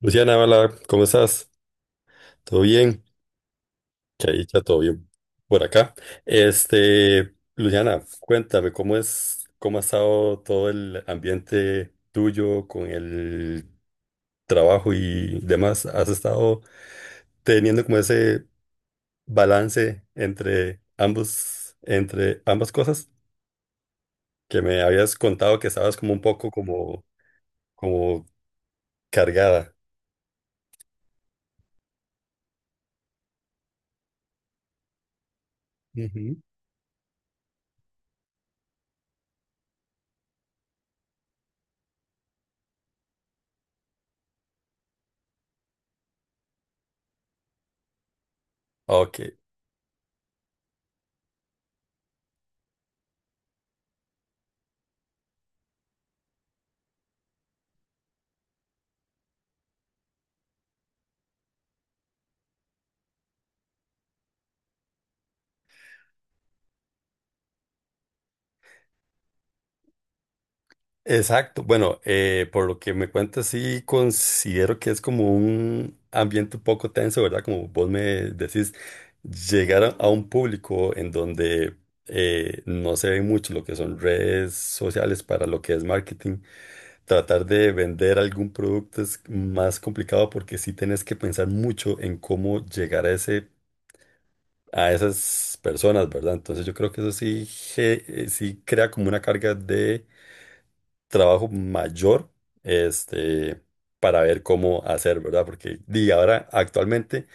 Luciana, hola, ¿cómo estás? ¿Todo bien? Que ahí está todo bien por acá. Luciana, cuéntame, ¿cómo es, cómo ha estado todo el ambiente tuyo con el trabajo y demás? ¿Has estado teniendo como ese balance entre ambos, entre ambas cosas? Que me habías contado que estabas como un poco como cargada. Ujú. Ok. Exacto. Bueno, por lo que me cuentas, sí considero que es como un ambiente un poco tenso, ¿verdad? Como vos me decís, llegar a un público en donde no se ve mucho lo que son redes sociales para lo que es marketing. Tratar de vender algún producto es más complicado porque sí tenés que pensar mucho en cómo llegar a a esas personas, ¿verdad? Entonces yo creo que eso sí, sí crea como una carga de trabajo mayor, este, para ver cómo hacer, ¿verdad? Porque di, ahora actualmente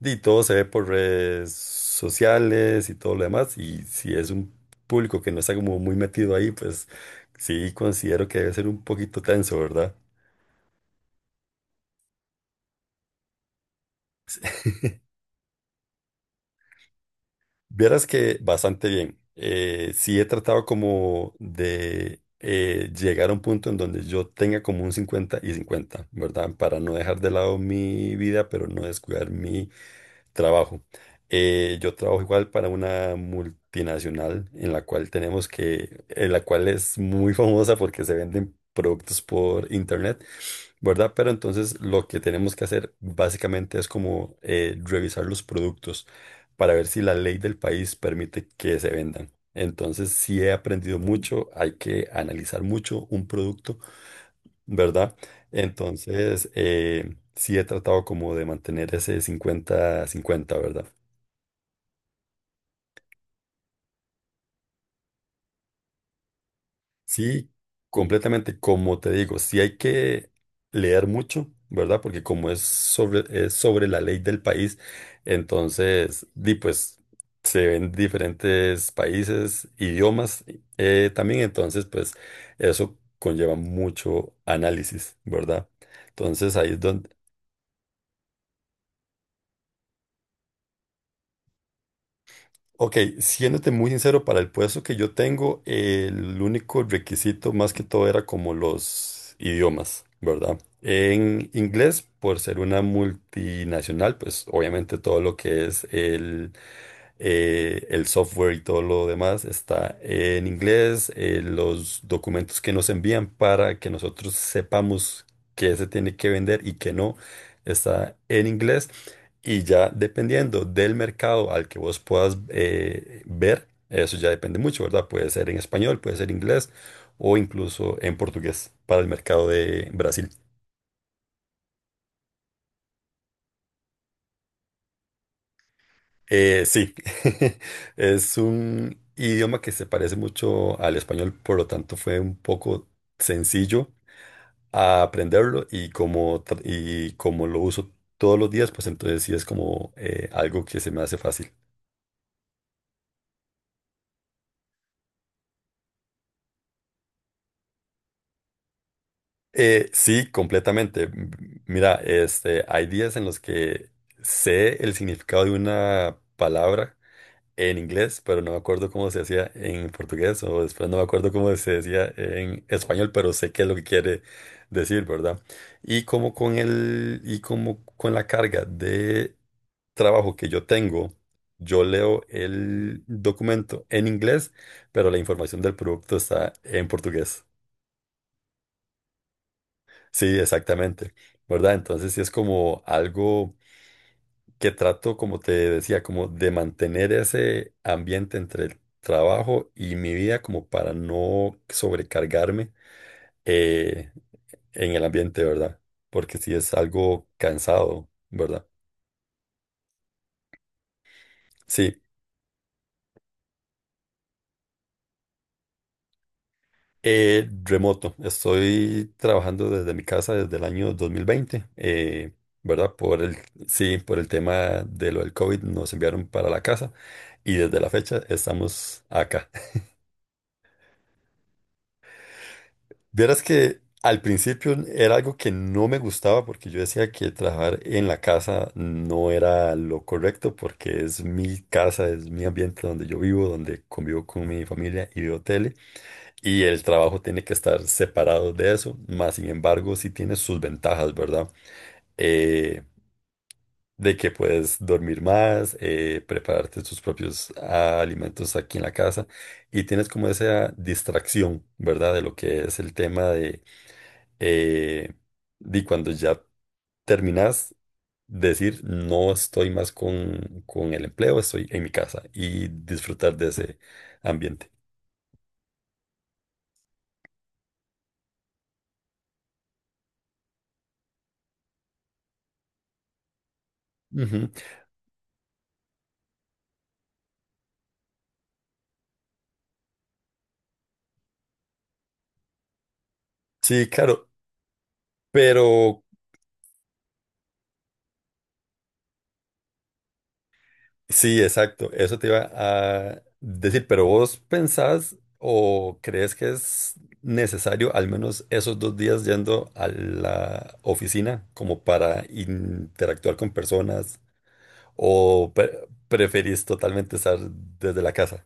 di, todo se ve por redes sociales y todo lo demás, y si es un público que no está como muy metido ahí, pues sí considero que debe ser un poquito tenso, ¿verdad? Vieras que bastante bien. Sí he tratado como de llegar a un punto en donde yo tenga como un 50 y 50, ¿verdad? Para no dejar de lado mi vida, pero no descuidar mi trabajo. Yo trabajo igual para una multinacional en la cual en la cual es muy famosa porque se venden productos por internet, ¿verdad? Pero entonces lo que tenemos que hacer básicamente es como revisar los productos para ver si la ley del país permite que se vendan. Entonces, sí he aprendido mucho, hay que analizar mucho un producto, ¿verdad? Entonces, sí he tratado como de mantener ese 50 50, ¿verdad? Sí, completamente, como te digo, sí hay que leer mucho, ¿verdad? Porque como es es sobre la ley del país, entonces, di pues, se ven diferentes países, idiomas también, entonces, pues, eso conlleva mucho análisis, ¿verdad? Entonces, ahí es donde ok, siéndote muy sincero, para el puesto que yo tengo, el único requisito más que todo era como los idiomas, ¿verdad? En inglés, por ser una multinacional, pues obviamente todo lo que es el software y todo lo demás está en inglés, los documentos que nos envían para que nosotros sepamos qué se tiene que vender y qué no está en inglés. Y ya dependiendo del mercado al que vos puedas ver, eso ya depende mucho, ¿verdad? Puede ser en español, puede ser inglés o incluso en portugués para el mercado de Brasil. Sí, es un idioma que se parece mucho al español, por lo tanto fue un poco sencillo a aprenderlo y y como lo uso todos los días, pues entonces sí es como algo que se me hace fácil. Sí, completamente. Mira, hay días en los que sé el significado de una palabra en inglés, pero no me acuerdo cómo se hacía en portugués, o después no me acuerdo cómo se decía en español, pero sé qué es lo que quiere decir, ¿verdad? Y y como con la carga de trabajo que yo tengo, yo leo el documento en inglés, pero la información del producto está en portugués. Sí, exactamente, ¿verdad? Entonces sí es como algo que trato, como te decía, como de mantener ese ambiente entre el trabajo y mi vida como para no sobrecargarme eh, en el ambiente, ¿verdad? Porque sí es algo cansado, ¿verdad? Sí. Remoto, estoy trabajando desde mi casa desde el año 2020, ¿verdad? Sí, por el tema de lo del COVID nos enviaron para la casa y desde la fecha estamos acá. Vieras que al principio era algo que no me gustaba porque yo decía que trabajar en la casa no era lo correcto porque es mi casa, es mi ambiente donde yo vivo, donde convivo con mi familia y veo tele, y el trabajo tiene que estar separado de eso, más sin embargo, sí tiene sus ventajas, ¿verdad? Eh, de que puedes dormir más, prepararte tus propios alimentos aquí en la casa y tienes como esa distracción, ¿verdad? De lo que es el tema eh, de cuando ya terminas, decir, no estoy más con el empleo, estoy en mi casa y disfrutar de ese ambiente. Ujú. Sí, claro, pero sí, exacto. Eso te iba a decir, pero vos pensás o crees que es necesario al menos esos 2 días yendo a la oficina como para interactuar con personas o preferís totalmente estar desde la casa.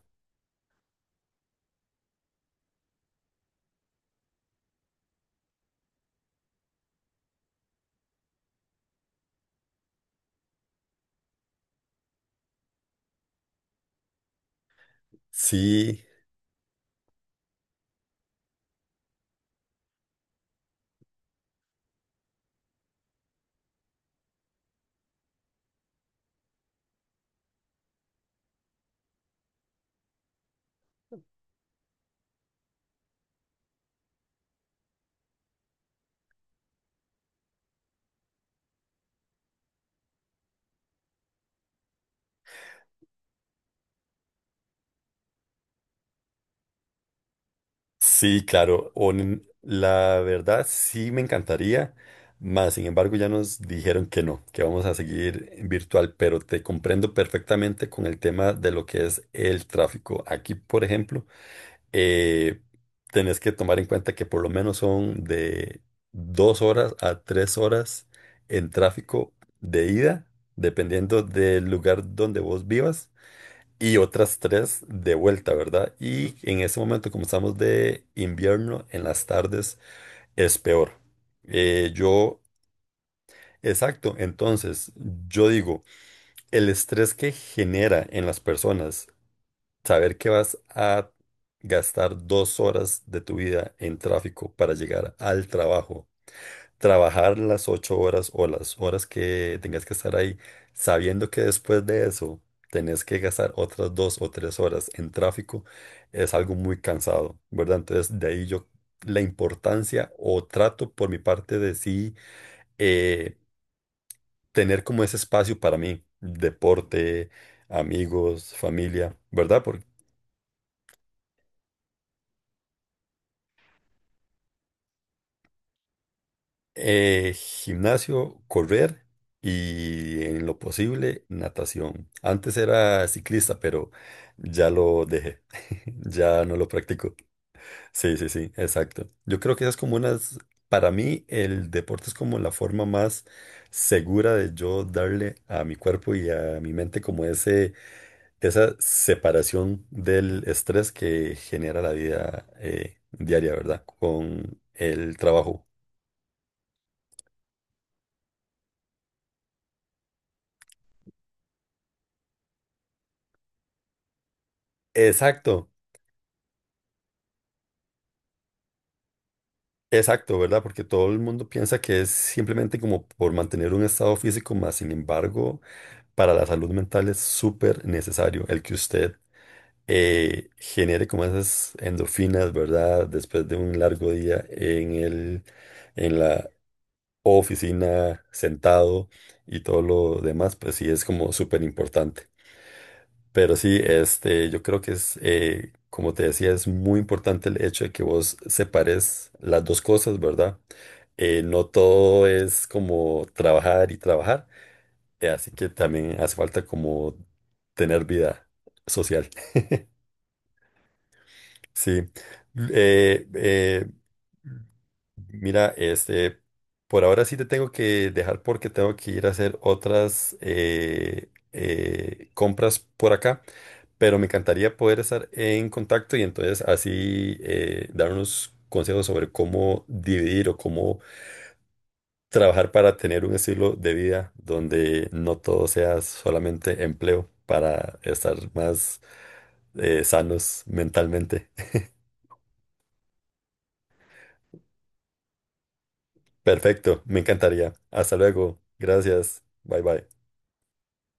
Sí. Sí, claro. La verdad sí me encantaría, mas sin embargo ya nos dijeron que no, que vamos a seguir en virtual, pero te comprendo perfectamente con el tema de lo que es el tráfico. Aquí, por ejemplo, eh, tenés que tomar en cuenta que por lo menos son de 2 horas a 3 horas en tráfico de ida, dependiendo del lugar donde vos vivas y otras 3 de vuelta, ¿verdad? Y en ese momento, como estamos de invierno, en las tardes es peor. Eh, yo, exacto, entonces yo digo, el estrés que genera en las personas saber que vas a gastar 2 horas de tu vida en tráfico para llegar al trabajo, trabajar las 8 horas o las horas que tengas que estar ahí, sabiendo que después de eso tenés que gastar otras 2 o 3 horas en tráfico, es algo muy cansado, ¿verdad? Entonces, de ahí yo la importancia o trato por mi parte de sí eh, tener como ese espacio para mí, deporte, amigos, familia, ¿verdad? Gimnasio, correr y en lo posible natación. Antes era ciclista, pero ya lo dejé. Ya no lo practico. Sí, sí, sí, exacto. Yo creo que esas para mí el deporte es como la forma más segura de yo darle a mi cuerpo y a mi mente como esa separación del estrés que genera la vida diaria, ¿verdad? Con el trabajo. Exacto. Exacto, ¿verdad? Porque todo el mundo piensa que es simplemente como por mantener un estado físico, más sin embargo, para la salud mental es súper necesario el que usted genere como esas endorfinas, ¿verdad? Después de un largo día en la oficina, sentado y todo lo demás, pues sí es como súper importante. Pero sí, yo creo que como te decía, es muy importante el hecho de que vos separes las dos cosas, ¿verdad? No todo es como trabajar y trabajar, así que también hace falta como tener vida social. Sí. Eh, eh, mira, por ahora sí te tengo que dejar porque tengo que ir a hacer otras compras por acá, pero me encantaría poder estar en contacto y entonces así dar unos consejos sobre cómo dividir o cómo trabajar para tener un estilo de vida donde no todo sea solamente empleo para estar más sanos mentalmente. Perfecto, me encantaría. Hasta luego. Gracias. Bye bye.